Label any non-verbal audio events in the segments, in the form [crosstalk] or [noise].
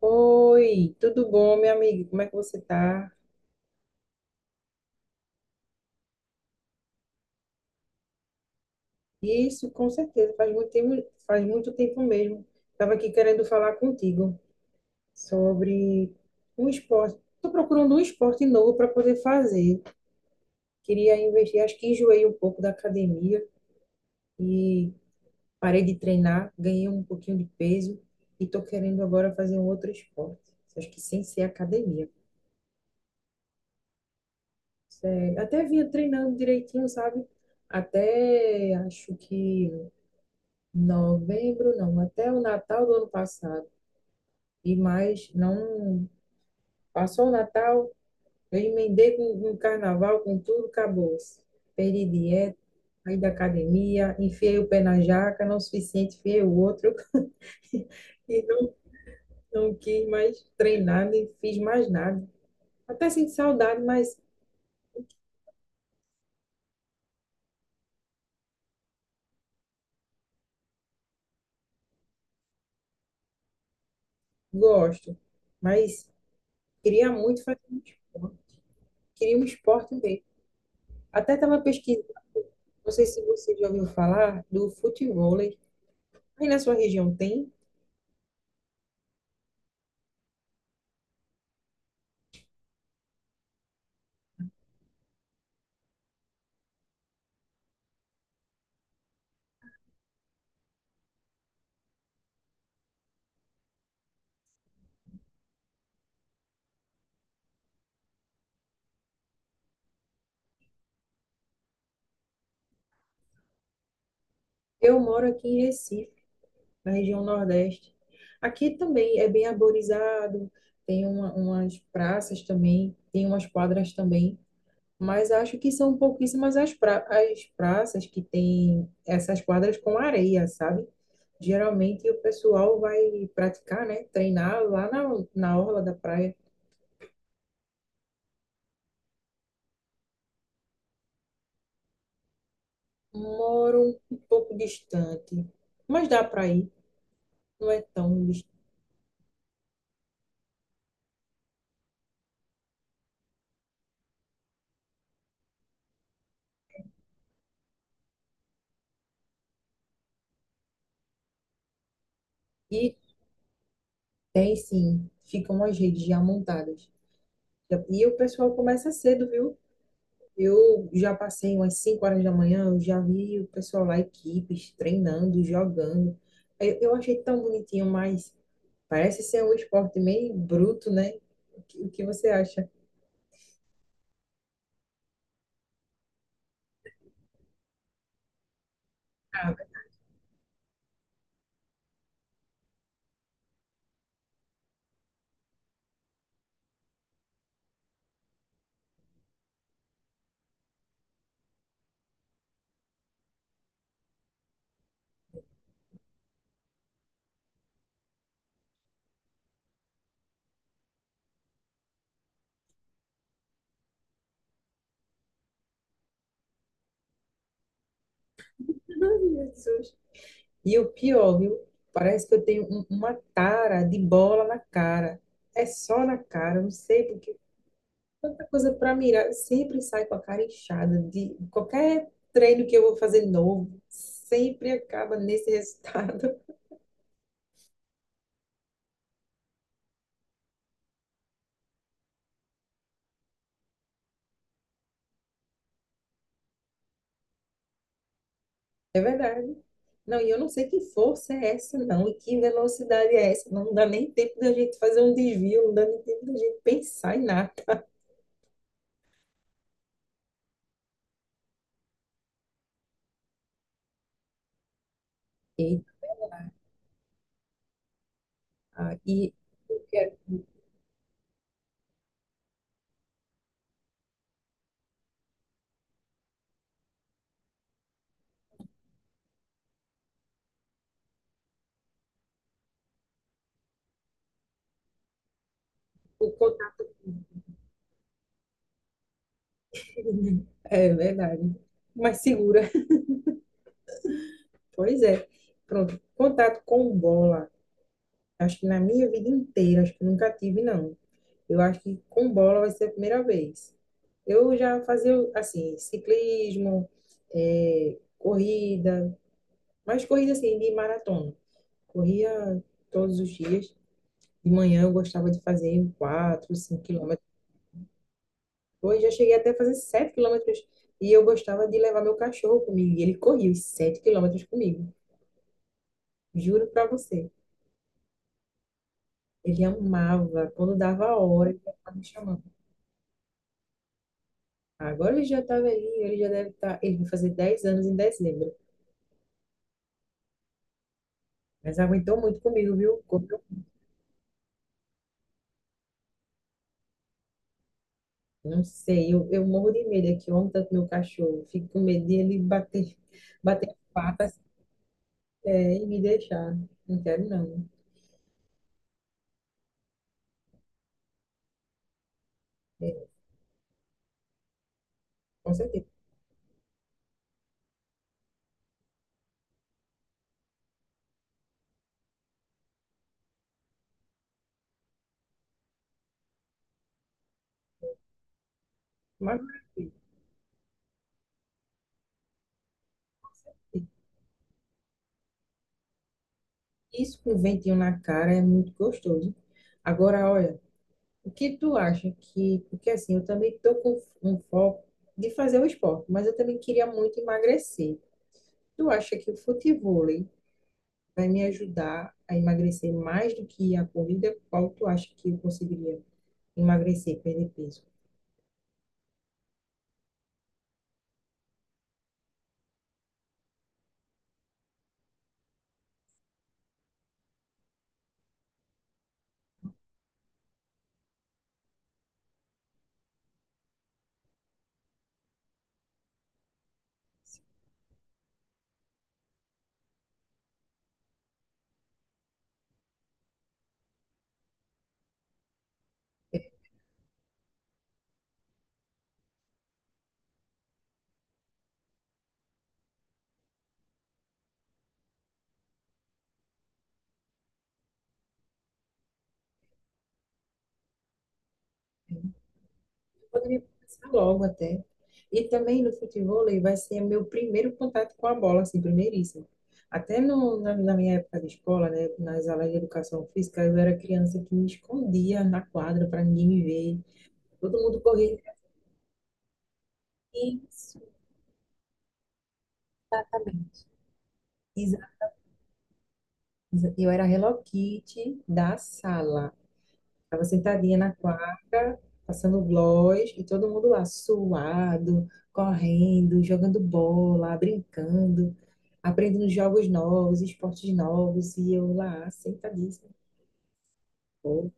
Oi, tudo bom, minha amiga? Como é que você tá? Isso, com certeza, faz muito tempo mesmo. Estava aqui querendo falar contigo sobre um esporte. Estou procurando um esporte novo para poder fazer. Queria investir, acho que enjoei um pouco da academia e parei de treinar, ganhei um pouquinho de peso e estou querendo agora fazer um outro esporte. Acho que sem ser academia. Sério, até vinha treinando direitinho, sabe? Até acho que novembro não, até o Natal do ano passado. E mais, não passou o Natal, eu emendei com o carnaval, com tudo, acabou-se. Perdi dieta, saí da academia, enfiei o pé na jaca, não é o suficiente, enfiei o outro [laughs] e não quis mais treinar, nem fiz mais nada. Até sinto saudade, mas gosto. Mas queria muito fazer um esporte, queria um esporte mesmo. Até estava pesquisando, não sei se você já ouviu falar, do futebol. Aí na sua região tem? Eu moro aqui em Recife, na região Nordeste. Aqui também é bem arborizado, tem umas praças também, tem umas quadras também, mas acho que são pouquíssimas as praças que têm essas quadras com areia, sabe? Geralmente o pessoal vai praticar, né? Treinar lá na orla da praia. Moro um pouco distante, mas dá para ir, não é tão distante. Tem sim, ficam as redes já montadas. E o pessoal começa cedo, viu? Eu já passei umas 5 horas da manhã, eu já vi o pessoal lá, equipes, treinando, jogando. Eu achei tão bonitinho, mas parece ser um esporte meio bruto, né? O que você acha? Ah, [laughs] Jesus. E o pior, viu? Parece que eu tenho uma tara de bola na cara. É só na cara, eu não sei por tanta coisa para mirar. Sempre sai com a cara inchada de qualquer treino que eu vou fazer novo, sempre acaba nesse [laughs] resultado. É verdade. Não, e eu não sei que força é essa, não, e que velocidade é essa. Não dá nem tempo da gente fazer um desvio, não dá nem tempo da gente pensar em nada. E, e eu quero o contato. É verdade. Mais segura. [laughs] Pois é. Pronto. Contato com bola. Acho que na minha vida inteira, acho que nunca tive, não. Eu acho que com bola vai ser a primeira vez. Eu já fazia, assim, ciclismo, corrida, mas corrida, assim, de maratona. Corria todos os dias. De manhã eu gostava de fazer 4, 5 quilômetros. Hoje já cheguei até a fazer 7 quilômetros. E eu gostava de levar meu cachorro comigo. E ele corria os 7 quilômetros comigo. Juro pra você. Ele amava. Quando dava a hora, ele estava me chamando. Agora ele já tá velhinho, ele já deve estar. Ele vai fazer 10 anos em dezembro. Mas aguentou muito comigo, viu? Não sei, eu morro de medo aqui. Ontem, tanto meu cachorro, fico com medo de ele bater as patas, e me deixar. Não quero, não. É, com certeza. Mas isso com ventinho na cara é muito gostoso. Agora, olha, o que tu acha que. Porque assim, eu também estou com um foco de fazer o esporte, mas eu também queria muito emagrecer. Tu acha que o futebol vai me ajudar a emagrecer mais do que a corrida? Qual tu acha que eu conseguiria emagrecer, perder peso? É, poderia começar logo até. E também no futebol vai ser meu primeiro contato com a bola, assim, primeiríssimo. Até no, na, na minha época de escola, né, nas aulas de educação física, eu era criança que me escondia na quadra para ninguém me ver. Todo mundo corria. Isso, exatamente. Exa- Eu era a Hello Kitty da sala. Estava sentadinha na quadra, passando gloss, e todo mundo lá suado, correndo, jogando bola, brincando, aprendendo jogos novos, esportes novos, e eu lá sentadíssima. Pô,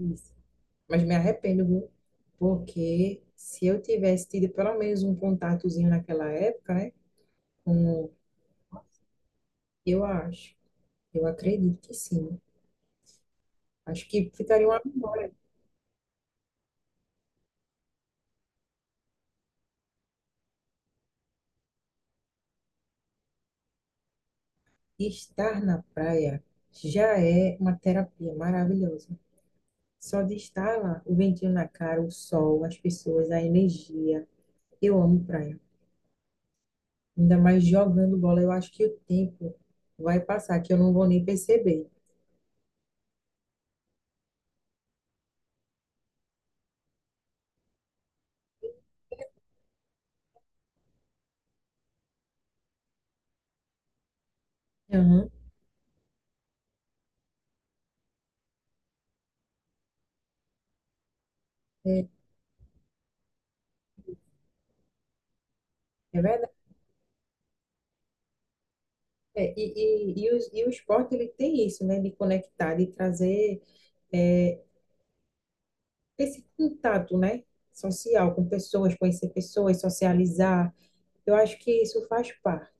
isso. Mas me arrependo, viu? Porque se eu tivesse tido pelo menos um contatozinho naquela época, né? Eu acho, eu acredito que sim. Acho que ficaria uma memória. Estar na praia já é uma terapia maravilhosa. Só de estar lá, o ventinho na cara, o sol, as pessoas, a energia. Eu amo praia. Ainda mais jogando bola, eu acho que o tempo vai passar, que eu não vou nem perceber. Aham. É, é verdade. É, e o esporte ele tem isso, né? De conectar, de trazer é, esse contato, né? Social com pessoas, conhecer pessoas, socializar. Eu acho que isso faz parte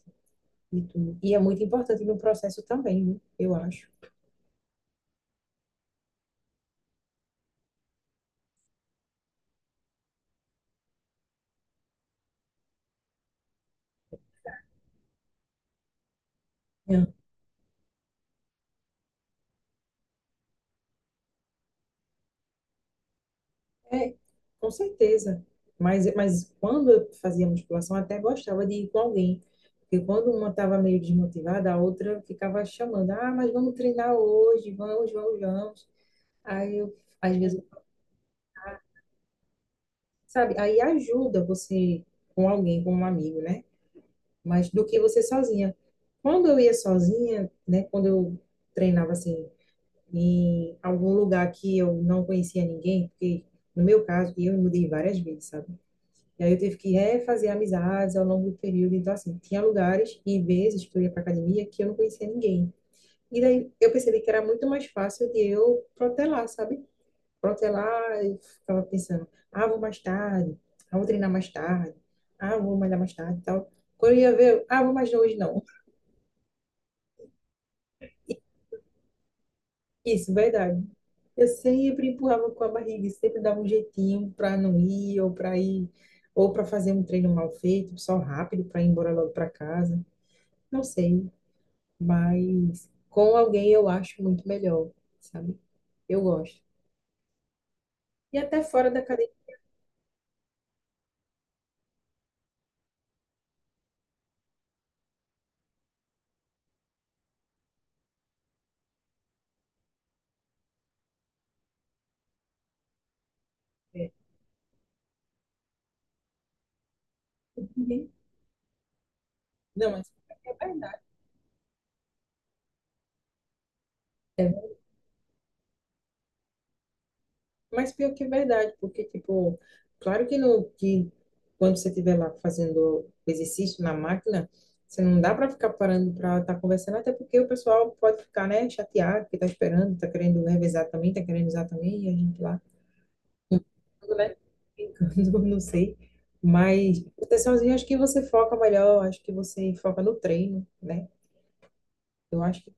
de tudo. E é muito importante no processo também, né? Eu acho. É, com certeza. Mas quando eu fazia musculação, até gostava de ir com alguém. Porque quando uma estava meio desmotivada, a outra ficava chamando: ah, mas vamos treinar hoje, vamos, vamos, vamos. Aí eu, às vezes, sabe, aí ajuda você com alguém, com um amigo, né? Mas do que você sozinha. Quando eu ia sozinha, né, quando eu treinava assim, em algum lugar que eu não conhecia ninguém, porque no meu caso, eu me mudei várias vezes, sabe? E aí eu tive que refazer amizades ao longo do período. Então, assim, tinha lugares e vezes que eu ia para academia que eu não conhecia ninguém. E daí eu percebi que era muito mais fácil de eu protelar, sabe? Protelar e ficava pensando, ah, vou mais tarde, ah, vou treinar mais tarde, ah, vou malhar mais tarde e tal. Quando eu ia ver, ah, vou mais hoje não. [laughs] Isso, verdade. Eu sempre empurrava com a barriga, e sempre dava um jeitinho para não ir ou para ir ou para fazer um treino mal feito, só rápido para ir embora logo para casa. Não sei, mas com alguém eu acho muito melhor, sabe? Eu gosto. E até fora da cadeia. De fé. Uhum. Não, mas pior que é verdade. É, mas pior que é verdade, porque, tipo, claro que, no, que quando você estiver lá fazendo exercício na máquina, você não dá para ficar parando para estar conversando, até porque o pessoal pode ficar, né, chateado, que tá esperando, tá querendo revezar também, tá querendo usar também, e a gente lá, brincando, né? Brincando, [laughs] não sei. Mas proteçãozinha, acho que você foca melhor, acho que você foca no treino, né? Eu acho que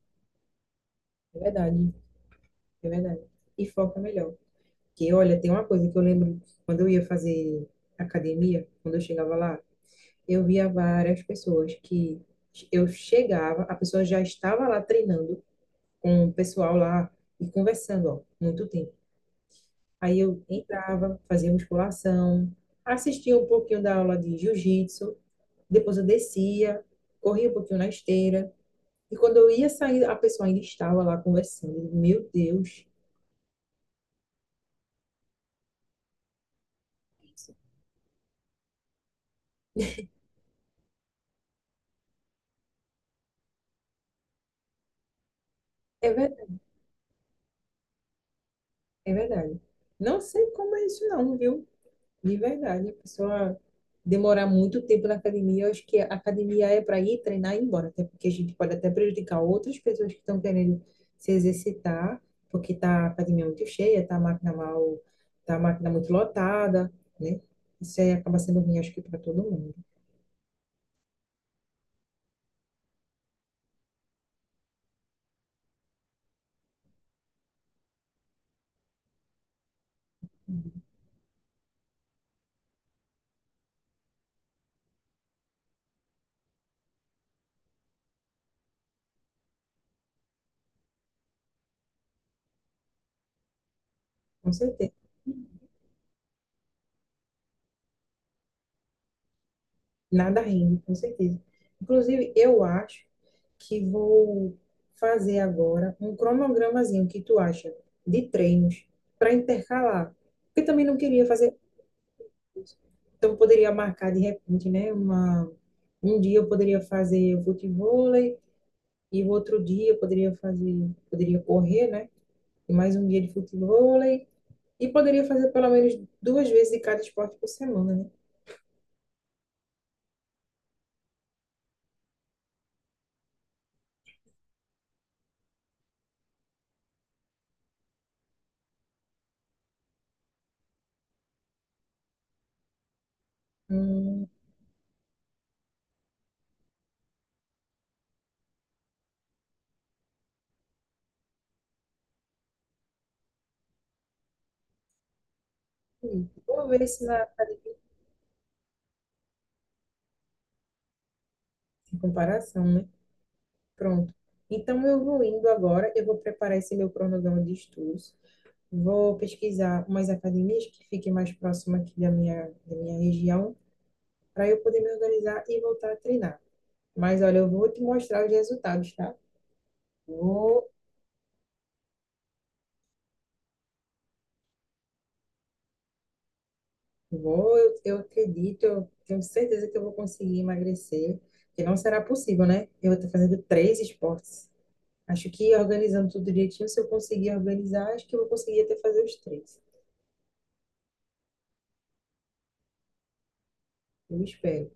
é verdade, é verdade. E foca melhor. Porque, olha, tem uma coisa que eu lembro quando eu ia fazer academia, quando eu chegava lá, eu via várias pessoas que eu chegava, a pessoa já estava lá treinando com o pessoal lá e conversando, ó, muito tempo. Aí eu entrava, fazia musculação, assistia um pouquinho da aula de jiu-jitsu. Depois eu descia, corria um pouquinho na esteira. E quando eu ia sair, a pessoa ainda estava lá conversando. Meu Deus, é verdade, é verdade. Não sei como é isso não, viu? De verdade, a pessoa demorar muito tempo na academia, eu acho que a academia é para ir treinar e ir embora, até porque a gente pode até prejudicar outras pessoas que estão querendo se exercitar, porque tá a academia muito cheia, tá a máquina mal, tá a máquina muito lotada, né? Isso aí acaba sendo ruim, acho que para todo mundo. Com certeza. Nada rende, com certeza. Inclusive, eu acho que vou fazer agora um cronogramazinho que tu acha de treinos para intercalar. Porque também não queria fazer, então eu poderia marcar de repente, né? Uma, um dia eu poderia fazer futevôlei e o outro dia eu poderia fazer, poderia correr, né? E mais um dia de futevôlei e poderia fazer pelo menos duas vezes de cada esporte por semana, né? Hum, vou ver se na academia, em comparação, né? Pronto. Então, eu vou indo agora, eu vou preparar esse meu cronograma de estudos, vou pesquisar umas academias que fiquem mais próximas aqui da minha região, para eu poder me organizar e voltar a treinar. Mas, olha, eu vou te mostrar os resultados, tá? Vou, vou, eu acredito, eu tenho certeza que eu vou conseguir emagrecer, que não será possível, né? Eu estou fazendo três esportes. Acho que organizando tudo direitinho, se eu conseguir organizar, acho que eu vou conseguir até fazer os três. Eu espero.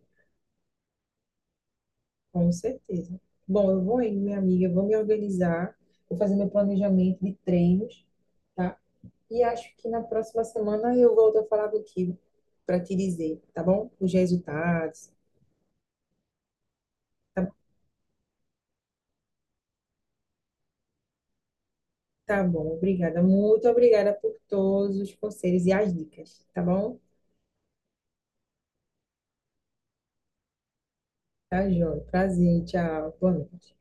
Com certeza. Bom, eu vou aí minha amiga, eu vou me organizar, vou fazer meu planejamento de treinos, tá? E acho que na próxima semana eu volto a falar contigo para te dizer, tá bom? Os resultados. Tá, tá bom, obrigada. Muito obrigada por todos os conselhos e as dicas, tá bom? Tá, João. Prazer, tchau. Boa noite.